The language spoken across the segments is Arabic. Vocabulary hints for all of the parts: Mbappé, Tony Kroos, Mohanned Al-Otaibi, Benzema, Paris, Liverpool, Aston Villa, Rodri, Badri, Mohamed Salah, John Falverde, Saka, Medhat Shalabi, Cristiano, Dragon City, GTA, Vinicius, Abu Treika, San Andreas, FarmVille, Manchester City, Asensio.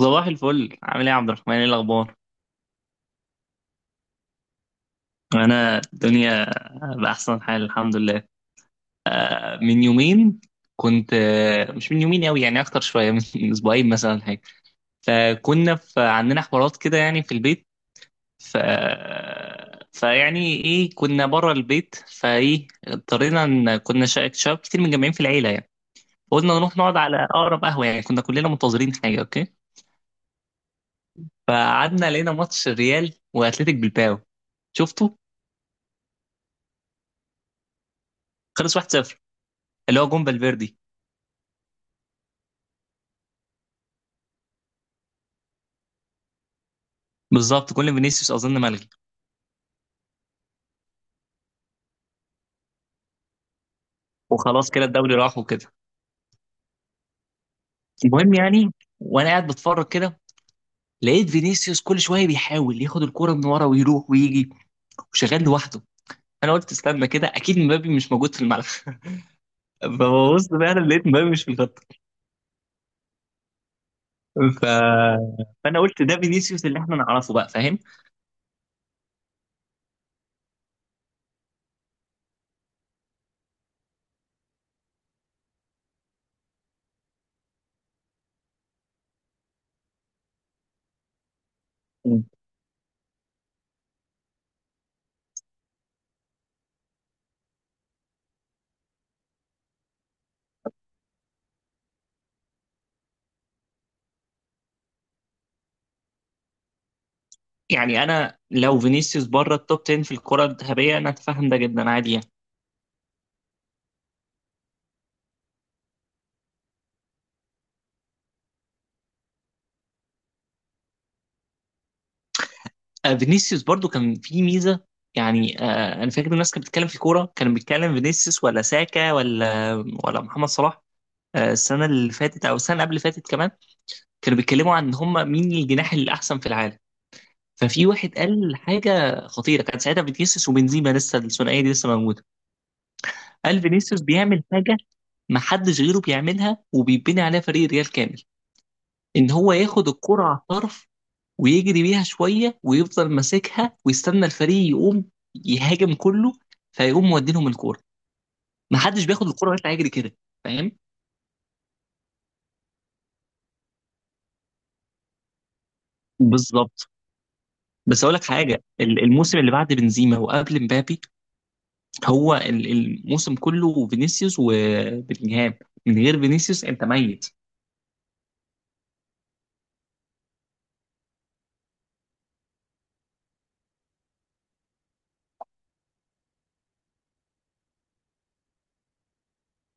صباح الفل، عامل ايه يا عبد الرحمن؟ ايه الاخبار؟ انا الدنيا باحسن حال، الحمد لله. من يومين كنت، مش من يومين قوي يعني، اكتر شويه من من اسبوعين مثلا حاجه. فكنا في عندنا حوارات كده يعني في البيت. ف فيعني ايه، كنا بره البيت، فايه اضطرينا ان كنا شباب كتير متجمعين في العيله يعني. قلنا نروح نقعد على اقرب قهوه، يعني كنا كلنا منتظرين حاجه اوكي. فقعدنا لقينا ماتش الريال واتلتيك بالباو، شفته. خلص 1-0، اللي هو جون فالفيردي. بالظبط، كل فينيسيوس اظن ملغي. وخلاص كده الدوري راح وكده. المهم يعني، وانا قاعد بتفرج كده، لقيت فينيسيوس كل شويه بيحاول ياخد الكوره من ورا ويروح ويجي وشغال لوحده. انا قلت استنى كده، اكيد مبابي مش موجود في الملعب فببص فعلا لقيت مبابي مش في الخط. ف... فانا قلت ده فينيسيوس اللي احنا نعرفه بقى، فاهم؟ يعني انا لو فينيسيوس بره التوب 10 في الكره الذهبيه، انا اتفهم ده جدا، عادي يعني. فينيسيوس برضو كان في ميزه. يعني انا فاكر الناس كانت بتتكلم في كوره، كان بيتكلم فينيسيوس ولا ساكا ولا محمد صلاح. السنه اللي فاتت او السنه قبل اللي فاتت كمان، كانوا بيتكلموا عن هم مين الجناح الاحسن في العالم. ففي واحد قال حاجه خطيره، كان ساعتها فينيسيوس وبنزيما لسه، الثنائيه دي لسه موجوده. قال فينيسيوس بيعمل حاجه ما حدش غيره بيعملها، وبيبني عليها فريق ريال كامل. ان هو ياخد الكرة على الطرف ويجري بيها شوية ويفضل ماسكها ويستنى الفريق يقوم يهاجم كله، فيقوم مودينهم الكورة. محدش بياخد الكورة ويطلع يجري كده، فاهم؟ بالظبط. بس اقول لك حاجه، الموسم اللي بعد بنزيما وقبل مبابي، هو الموسم كله فينيسيوس وبلينجهام. من غير فينيسيوس انت ميت.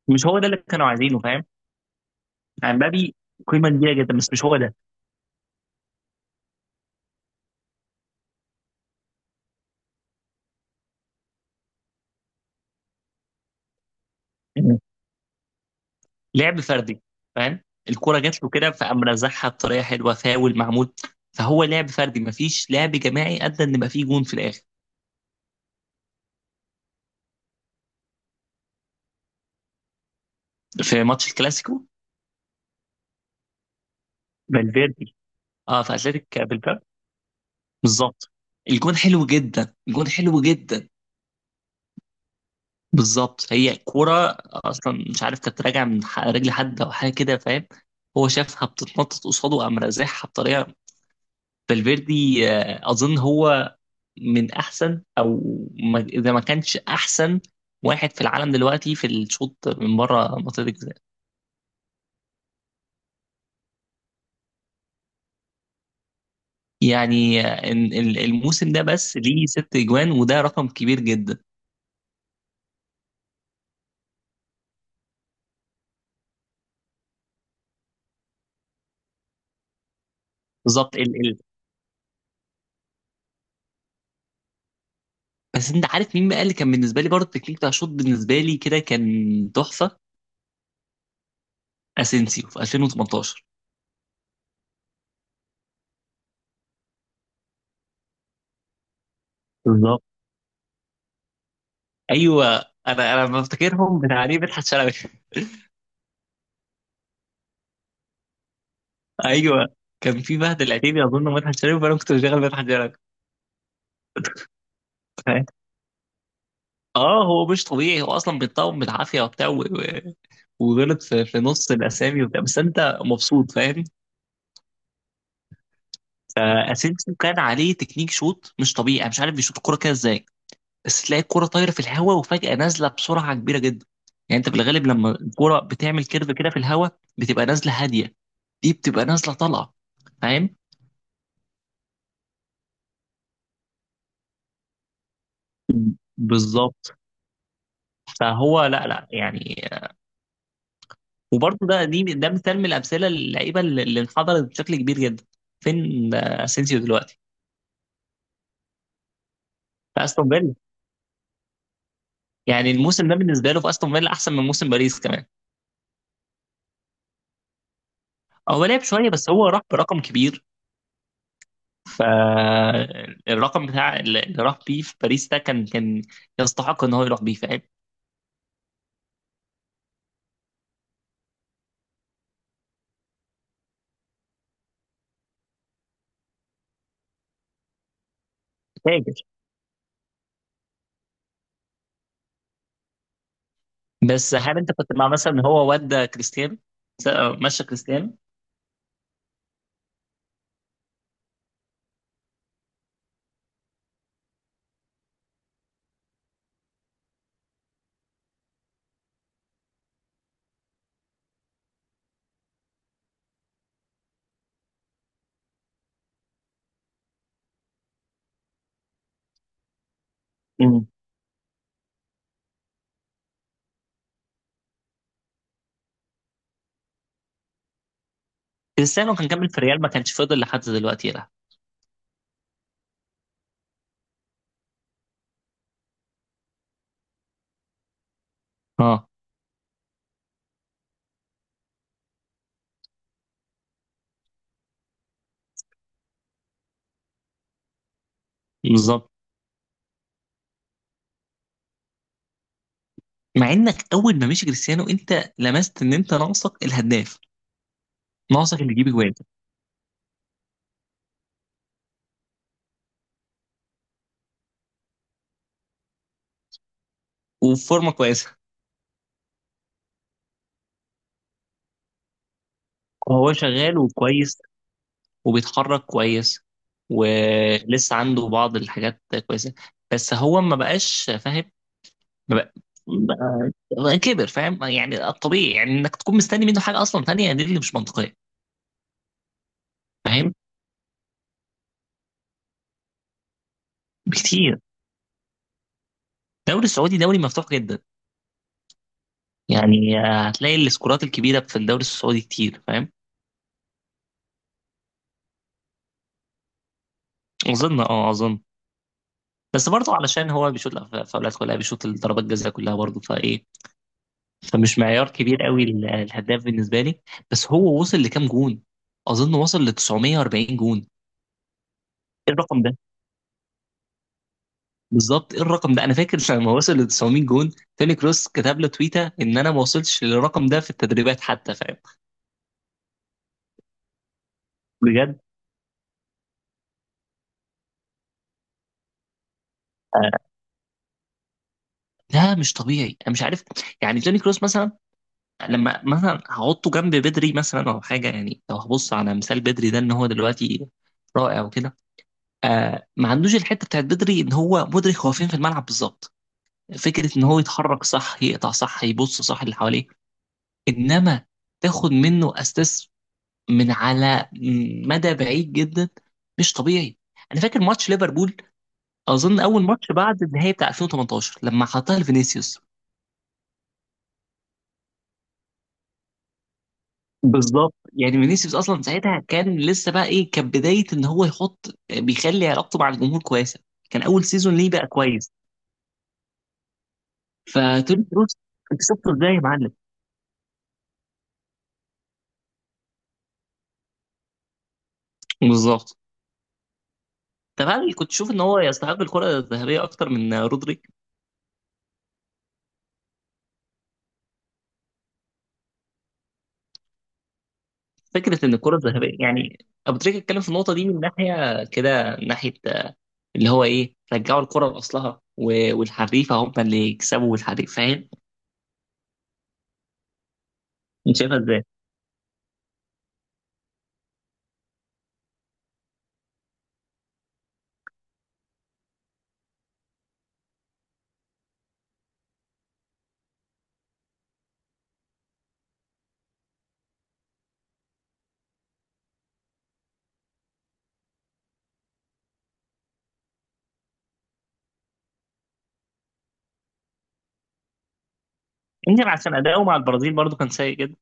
مش هو ده اللي كانوا عايزينه، فاهم؟ يعني مبابي قيمه كبيره جدا، بس مش هو ده. لعب فردي، فاهم؟ الكرة جات له كده فقام رزعها بطريقة حلوة، فاول معمول. فهو لعب فردي، مفيش لعب جماعي أدى إن يبقى فيه جون في الآخر. في ماتش الكلاسيكو. فالفيردي. اه، في أتلتيك بالباب. بالظبط، الجون حلو جدا، الجون حلو جدا. بالظبط، هي كرة أصلا مش عارف كانت راجعة من رجل حد أو حاجة كده، فاهم؟ هو شافها بتتنطط قصاده قام رازعها بطريقة. فالفيردي، أظن هو من احسن او اذا ما كانش احسن واحد في العالم دلوقتي في الشوط من بره منطقه الجزاء. يعني الموسم ده بس ليه 6 اجوان، وده رقم كبير جدا. بالظبط. ال ال بس انت عارف مين بقى اللي كان بالنسبه لي، برضه التكنيك بتاع الشوط بالنسبه لي كده كان تحفه. اسينسيو في 2018. بالظبط. ايوه. انا بفتكرهم بتعليق مدحت شلبي ايوه، كان في مهد العتيبي اظن مدحت شلبي، فانا كنت بشغل مدحت شلبي. اه، هو مش طبيعي. هو اصلا بيتطور بالعافيه وبتاع وغلط في نص الاسامي وبتاع، بس انت مبسوط، فاهم؟ فاسينسيو كان عليه تكنيك شوت مش طبيعي، انا مش عارف بيشوط الكوره كده ازاي. بس تلاقي الكوره طايره في الهواء وفجاه نازله بسرعه كبيره جدا. يعني انت بالغالب لما الكوره بتعمل كيرف كده في الهواء بتبقى نازله هاديه. دي بتبقى نازله طالعه، فاهم؟ بالظبط. فهو لا لا يعني. وبرضه ده مثال من الامثله، اللعيبه اللي انحدرت بشكل كبير جدا. فين اسينسيو دلوقتي؟ في استون فيلا. يعني الموسم ده بالنسبه له في استون فيلا احسن من موسم باريس كمان. هو لعب شويه، بس هو راح برقم كبير. فالرقم بتاع اللي راح بيه في باريس ده كان يستحق ان هو يروح بيه، فاهم؟ فاجر. بس هل انت كنت مع مثلا ان هو ودى كريستيانو، س- مشى كريستيانو؟ مم. كريستيانو كان كمل في ريال، ما كانش فضل لحد دلوقتي يلعب. اه بالظبط. مع انك اول ما مشي كريستيانو انت لمست ان انت ناقصك الهداف، ناقصك اللي يجيب جوان وفورمه كويسه. وهو شغال وكويس وبيتحرك كويس، ولسه عنده بعض الحاجات كويسة. بس هو ما بقاش، فاهم؟ ما بق- بقى- بقى كبر، فاهم؟ يعني الطبيعي يعني انك تكون مستني منه حاجة اصلا تانية، دي اللي مش منطقية. فاهم. بكتير. الدوري السعودي دوري مفتوح جدا. يعني هتلاقي السكورات الكبيرة في الدوري السعودي كتير، فاهم؟ اظن. بس برضه علشان هو بيشوط الفاولات كلها، بيشوط الضربات الجزاء كلها برضه فايه. فمش معيار كبير قوي الهداف بالنسبه لي. بس هو وصل لكام جون؟ اظن وصل ل 940 جون. ايه الرقم ده؟ بالظبط، ايه الرقم ده؟ انا فاكر لما وصل ل 900 جون، توني كروس كتب له تويته ان انا ما وصلتش للرقم ده في التدريبات حتى، فاهم؟ بجد، آه، ده مش طبيعي. انا مش عارف. يعني توني كروس مثلا لما مثلا هحطه جنب بدري مثلا او حاجه، يعني لو هبص على مثال بدري ده ان هو دلوقتي رائع وكده، آه، ما عندوش الحته بتاعت بدري ان هو مدرك هو فين في الملعب بالظبط. فكرة إن هو يتحرك صح، يقطع صح، يبص صح اللي حواليه. إنما تاخد منه أساس من على مدى بعيد جدا، مش طبيعي. أنا فاكر ماتش ليفربول، أظن أول ماتش بعد النهائي بتاع 2018 لما حطها لفينيسيوس. بالظبط. يعني فينيسيوس أصلا ساعتها كان لسه بقى إيه، كان بداية إن هو يحط، بيخلي علاقته مع الجمهور كويسة. كان أول سيزون ليه بقى كويس. فتوني كروس، أنت شفته إزاي يا معلم؟ بالظبط. طب هل كنت تشوف ان هو يستحق الكرة الذهبية اكتر من رودري؟ فكره ان الكره الذهبيه، يعني ابو تريكه اتكلم في النقطه دي من ناحيه كده، من ناحيه اللي هو ايه، رجعوا الكره لاصلها والحريفه هم اللي يكسبوا، والحريف، فاهم؟ انت شايفها ازاي؟ يمكن عشان اداؤه مع البرازيل برضو كان سيء جدا.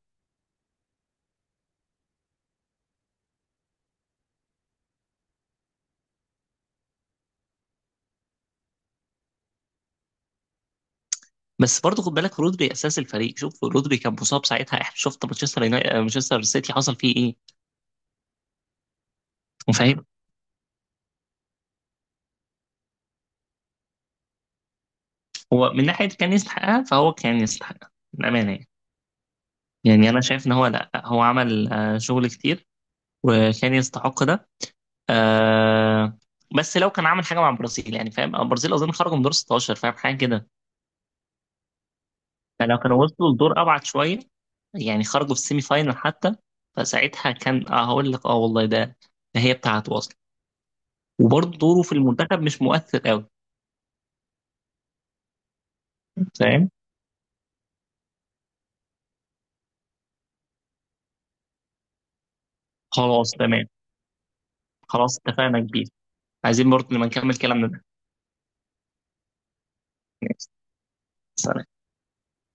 بس برضو خد بالك رودري اساس الفريق، شوف رودري كان مصاب ساعتها، احنا شفت مانشستر سيتي حصل فيه ايه، فاهم؟ هو من ناحيه كان يستحقها، فهو كان يستحقها بامانه يعني. يعني انا شايف ان هو، لا هو عمل شغل كتير وكان يستحق ده. آه بس لو كان عامل حاجه مع البرازيل يعني، فاهم؟ البرازيل اظن خرجوا من دور 16، فاهم؟ حاجه كده. فلو كانوا وصلوا لدور ابعد شويه، يعني خرجوا في السيمي فاينل حتى، فساعتها كان، هقول لك، والله ده هي بتاعته اصلا. وبرضه دوره في المنتخب مش مؤثر قوي، فاهم؟ خلاص تمام. خلاص اتفقنا كبير. عايزين برضه لما نكمل كلامنا ده.